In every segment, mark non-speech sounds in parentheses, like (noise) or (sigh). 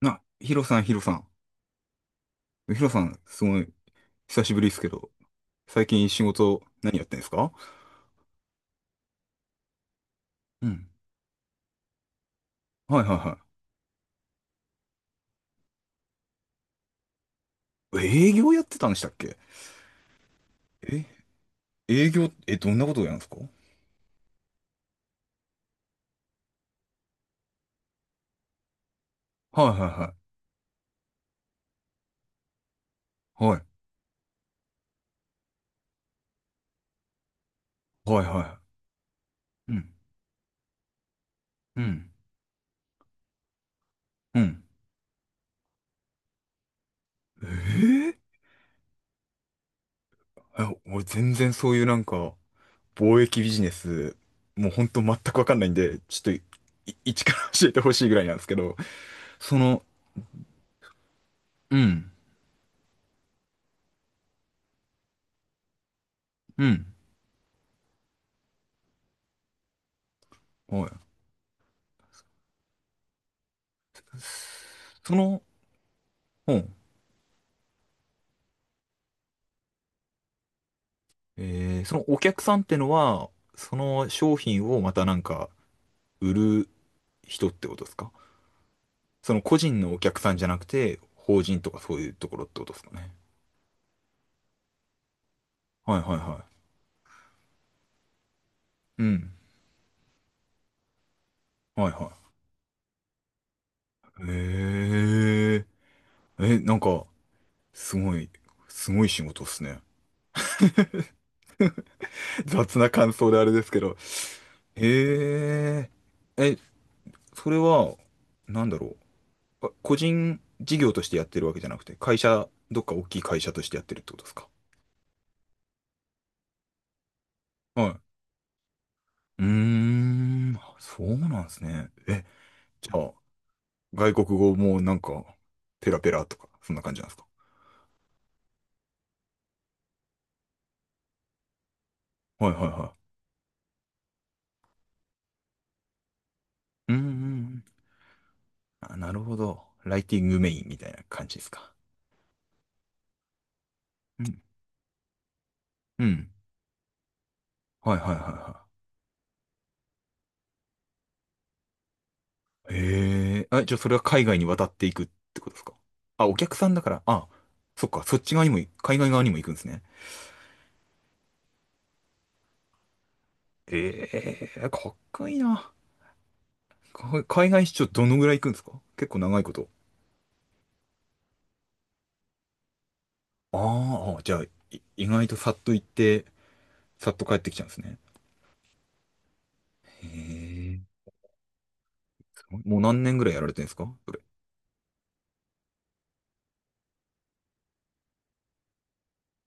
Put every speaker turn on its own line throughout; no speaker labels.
な、ヒロさん、ヒロさん。ヒロさん、すごい、久しぶりですけど、最近仕事、何やってんですか？うん。はいはいはい。営業やってたんでしたっけ？え、営業、え、どんなことをやるんですか？はいはいはい。はい。はいはい。うん。うん。うん。えー、え、俺全然そういうなんか、貿易ビジネス、もうほんと全くわかんないんで、ちょっと、一から教えてほしいぐらいなんですけど、その、うん。うん。はい。その、うん。えー、そのお客さんってのは、その商品をまたなんか売る人ってことですか？その個人のお客さんじゃなくて、法人とかそういうところってことですかね。はいはいはい。うん。はいはい。えー、え、なんか、すごい、すごい仕事っすね。(laughs) 雑な感想であれですけど。へえ、え、それは、なんだろう。あ、個人事業としてやってるわけじゃなくて、会社、どっか大きい会社としてやってるってことですか？うーん、あ、そうなんですね。え、じゃあ、外国語もなんか、ペラペラとか、そんな感じなんですか？はいはいはい。うんうんうん。あ、なるほど。ライティングメインみたいな感じですか。うん。うん。はいはいはいはい。へえ。あ、じゃあそれは海外に渡っていくってことですか？あ、お客さんだから、あ、そっか、そっち側にも、海外側にも行くんですね。ええ、かっこいいな。か海外出張どのぐらい行くんですか？結構長いこと。あーあ、じゃあ、意外とさっと行って、さっと帰ってきちゃうんですね。へえ、すごい、もう何年ぐらいやられてるんですか、それ。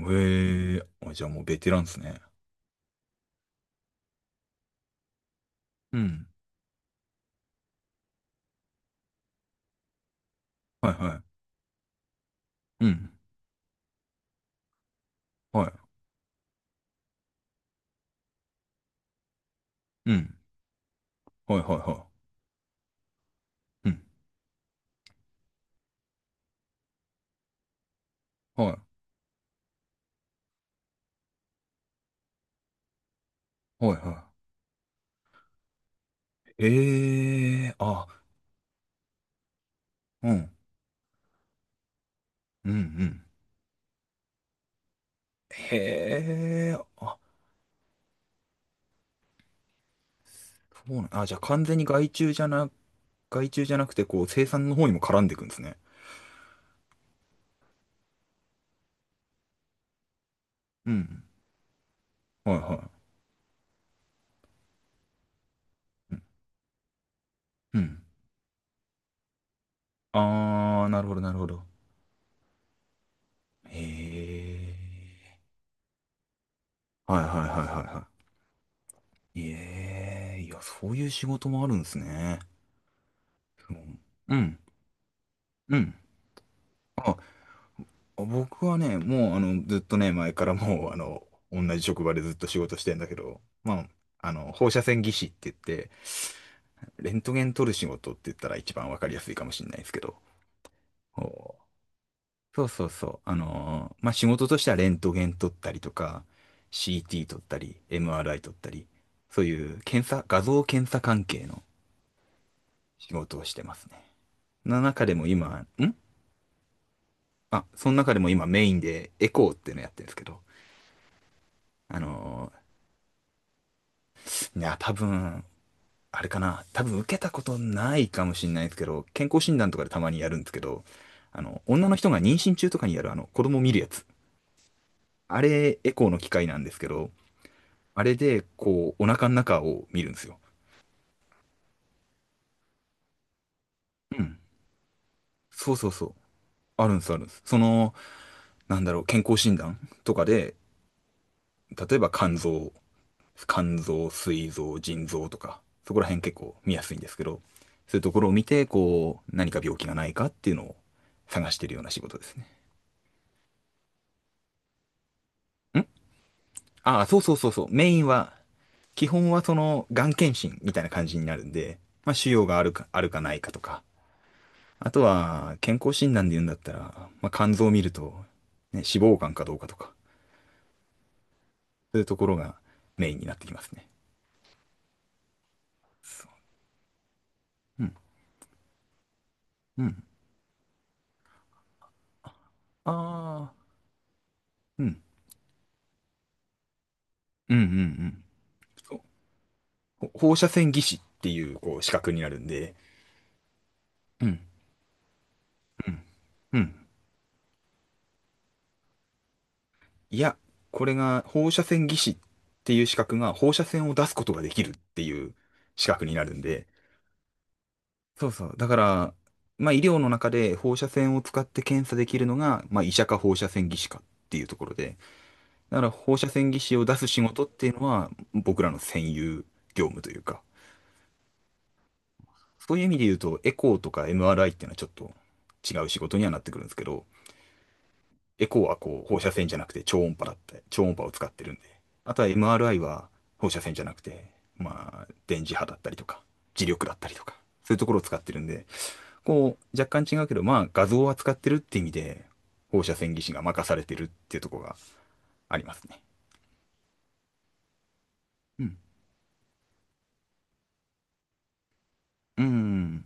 へえ、あ、じゃあもうベテランですね。うん。はいはい。うん。はい。うん。はいはいはい。うん。はい。はいはい。ええ、あ、うん。うんうん。へえ、あ、そうなん、あ、じゃあ完全に外注じゃなくて、こう、生産の方にも絡んでいくんですね。うん。はいはい。うん。うん、あー、なるほど、なるほど。へえ。はいはいはいはいはい。ええ、いや、そういう仕事もあるんですね。そう、うん、うん。あ、僕はね、もう、あの、ずっとね、前からもう、あの、同じ職場でずっと仕事してんだけど、まあ、あの、放射線技師って言って、レントゲン撮る仕事って言ったら一番わかりやすいかもしれないですけど、そうそうそう。まあ、仕事としてはレントゲン撮ったりとか、CT 撮ったり、MRI 撮ったり、そういう検査、画像検査関係の仕事をしてますね。の中でも今、ん、あ、その中でも今メインでエコーっていうのやってるんですけど、あのいや、多分、あれかな、多分受けたことないかもしれないですけど、健康診断とかでたまにやるんですけど、あの、女の人が妊娠中とかにやるあの、子供見るやつ。あれ、エコーの機械なんですけど、あれで、こう、お腹の中を見るんですよ。うん。そうそうそう。あるんです、あるんです。その、なんだろう、健康診断とかで、例えば肝臓、膵臓、腎臓とか、そこら辺結構見やすいんですけど、そういうところを見て、こう、何か病気がないかっていうのを探してるような仕事ですね。ん、ああ、そうそうそうそう。メインは、基本はその、がん検診みたいな感じになるんで、まあ、腫瘍があるか、あるかないかとか、あとは、健康診断で言うんだったら、まあ、肝臓を見ると、ね、脂肪肝かどうかとか、そういうところがメインになってきますね。そう。うん。うん。ああ。うん。うんうんうん。そう。放射線技師っていう、こう、資格になるんで、うん。うん。うん。いや、これが放射線技師っていう資格が放射線を出すことができるっていう資格になるんで、そうそう。だから、まあ医療の中で放射線を使って検査できるのが、まあ医者か放射線技師かっていうところで、だから放射線技師を出す仕事っていうのは僕らの専有業務というか、そういう意味で言うとエコーとか MRI っていうのはちょっと違う仕事にはなってくるんですけど、エコーはこう放射線じゃなくて超音波だって、超音波を使ってるんで、あとは MRI は放射線じゃなくて、まあ電磁波だったりとか、磁力だったりとか、そういうところを使ってるんで、こう、若干違うけど、まあ、画像を扱ってるって意味で、放射線技師が任されてるっていうところがありますね。うん。うん。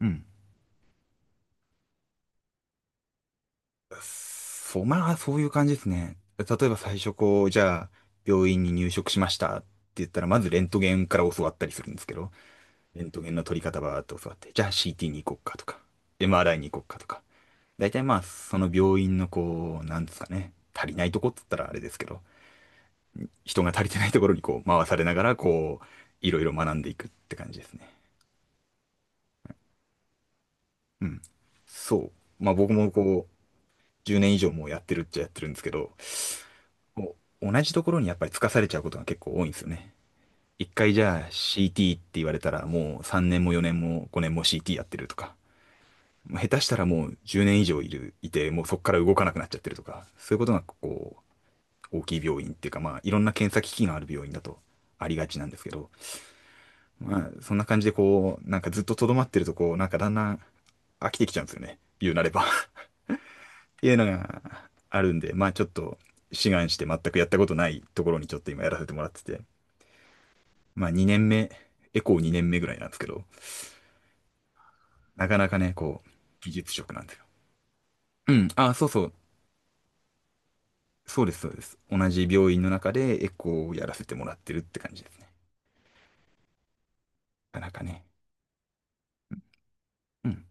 うん。そう、まあ、そういう感じですね。例えば最初こう、じゃあ、病院に入職しましたって言ったら、まずレントゲンから教わったりするんですけど、レントゲンの取り方ばーっと教わって、じゃあ CT に行こうかとか、MRI に行こうかとか。大体まあ、その病院のこう、なんですかね、足りないとこっつったらあれですけど、人が足りてないところにこう回されながら、こう、いろいろ学んでいくって感じですね。うん。そう。まあ僕もこう、10年以上もうやってるっちゃやってるんですけど、こう同じところにやっぱりつかされちゃうことが結構多いんですよね。一回じゃあ CT って言われたらもう3年も4年も5年も CT やってるとか、もう下手したらもう10年以上いて、もうそこから動かなくなっちゃってるとか、そういうことがこう、大きい病院っていうかまあいろんな検査機器がある病院だとありがちなんですけど、まあ、そんな感じでこう、なんかずっととどまってるとこう、なんかだんだん飽きてきちゃうんですよね。言うなれば (laughs) っていうのがあるんで、まあちょっと志願して全くやったことないところにちょっと今やらせてもらってて、まあ2年目、エコー2年目ぐらいなんですけど、なかなかね、こう、技術職なんですよ。うん、あ、そうそう、そうです、そうです。同じ病院の中でエコーをやらせてもらってるって感じですね。なかなかね。うん。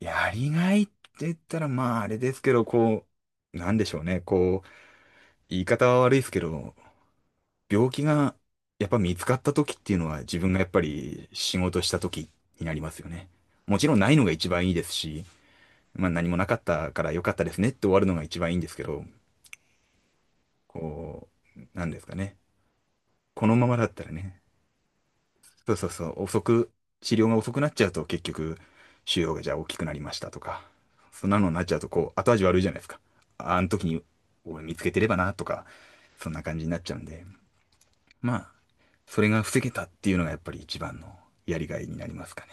やりがいって言ったら、まああれですけど、こう、なんでしょうね、こう、言い方は悪いですけど、病気がやっぱ見つかった時っていうのは自分がやっぱり仕事した時になりますよね。もちろんないのが一番いいですし、まあ何もなかったから良かったですねって終わるのが一番いいんですけど、こう、なんですかね。このままだったらね、そうそうそう、治療が遅くなっちゃうと結局、腫瘍がじゃあ大きくなりましたとか、そんなのになっちゃうとこう後味悪いじゃないですか。あ、あの時に俺見つけてればなとか、そんな感じになっちゃうんで。まあ、それが防げたっていうのがやっぱり一番のやりがいになりますかね。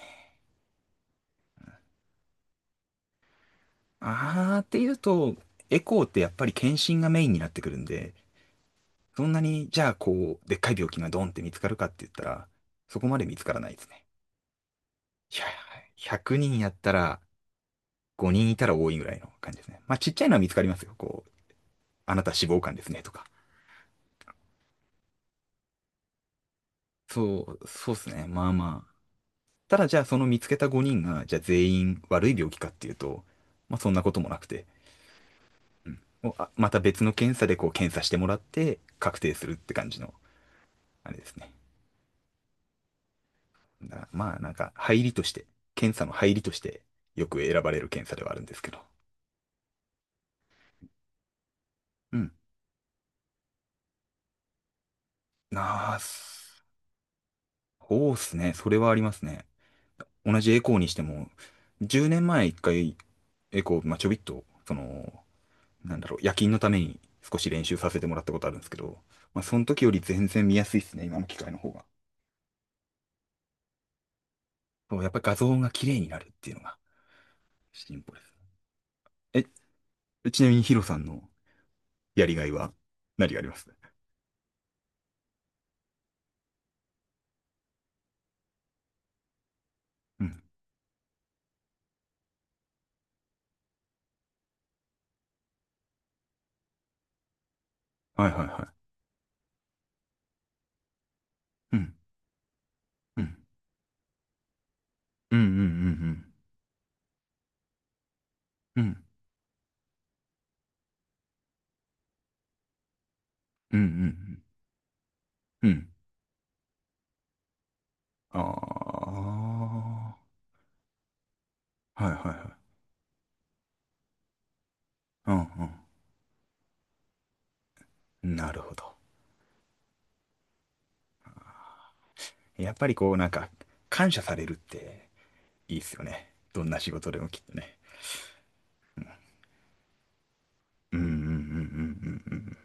あーっていうと、エコーってやっぱり検診がメインになってくるんで、そんなに、じゃあこう、でっかい病気がドンって見つかるかって言ったら、そこまで見つからないですね。いや、100人やったら5人いたら多いぐらいの感じですね。まあちっちゃいのは見つかりますよ。こう、あなた脂肪肝ですねとか。そう、そうですね。まあまあ。ただじゃあその見つけた5人が、じゃあ全員悪い病気かっていうと、まあそんなこともなくて、うんをあまた別の検査でこう検査してもらって確定するって感じのあれですね。だからまあなんか入りとして、検査の入りとしてよく選ばれる検査ではあるんですけど。うん。なあ、そうっすね。それはありますね。同じエコーにしても、10年前一回エコー、まあ、ちょびっと、その、なんだろう、夜勤のために少し練習させてもらったことあるんですけど、まあ、その時より全然見やすいっすね、今の機械の方が。そう、やっぱり画像が綺麗になるっていうのが進歩です。え、ちなみにヒロさんのやりがいは何があります？うん。はいはいはい。うん。うん。うんうんうんうん。うん。うんうんうん。うん。ああ。はいはいはい。うんうん。なるほど。やっぱりこうなんか感謝されるっていいっすよね。どんな仕事でもきっとね。うんうんうんうんうんうん。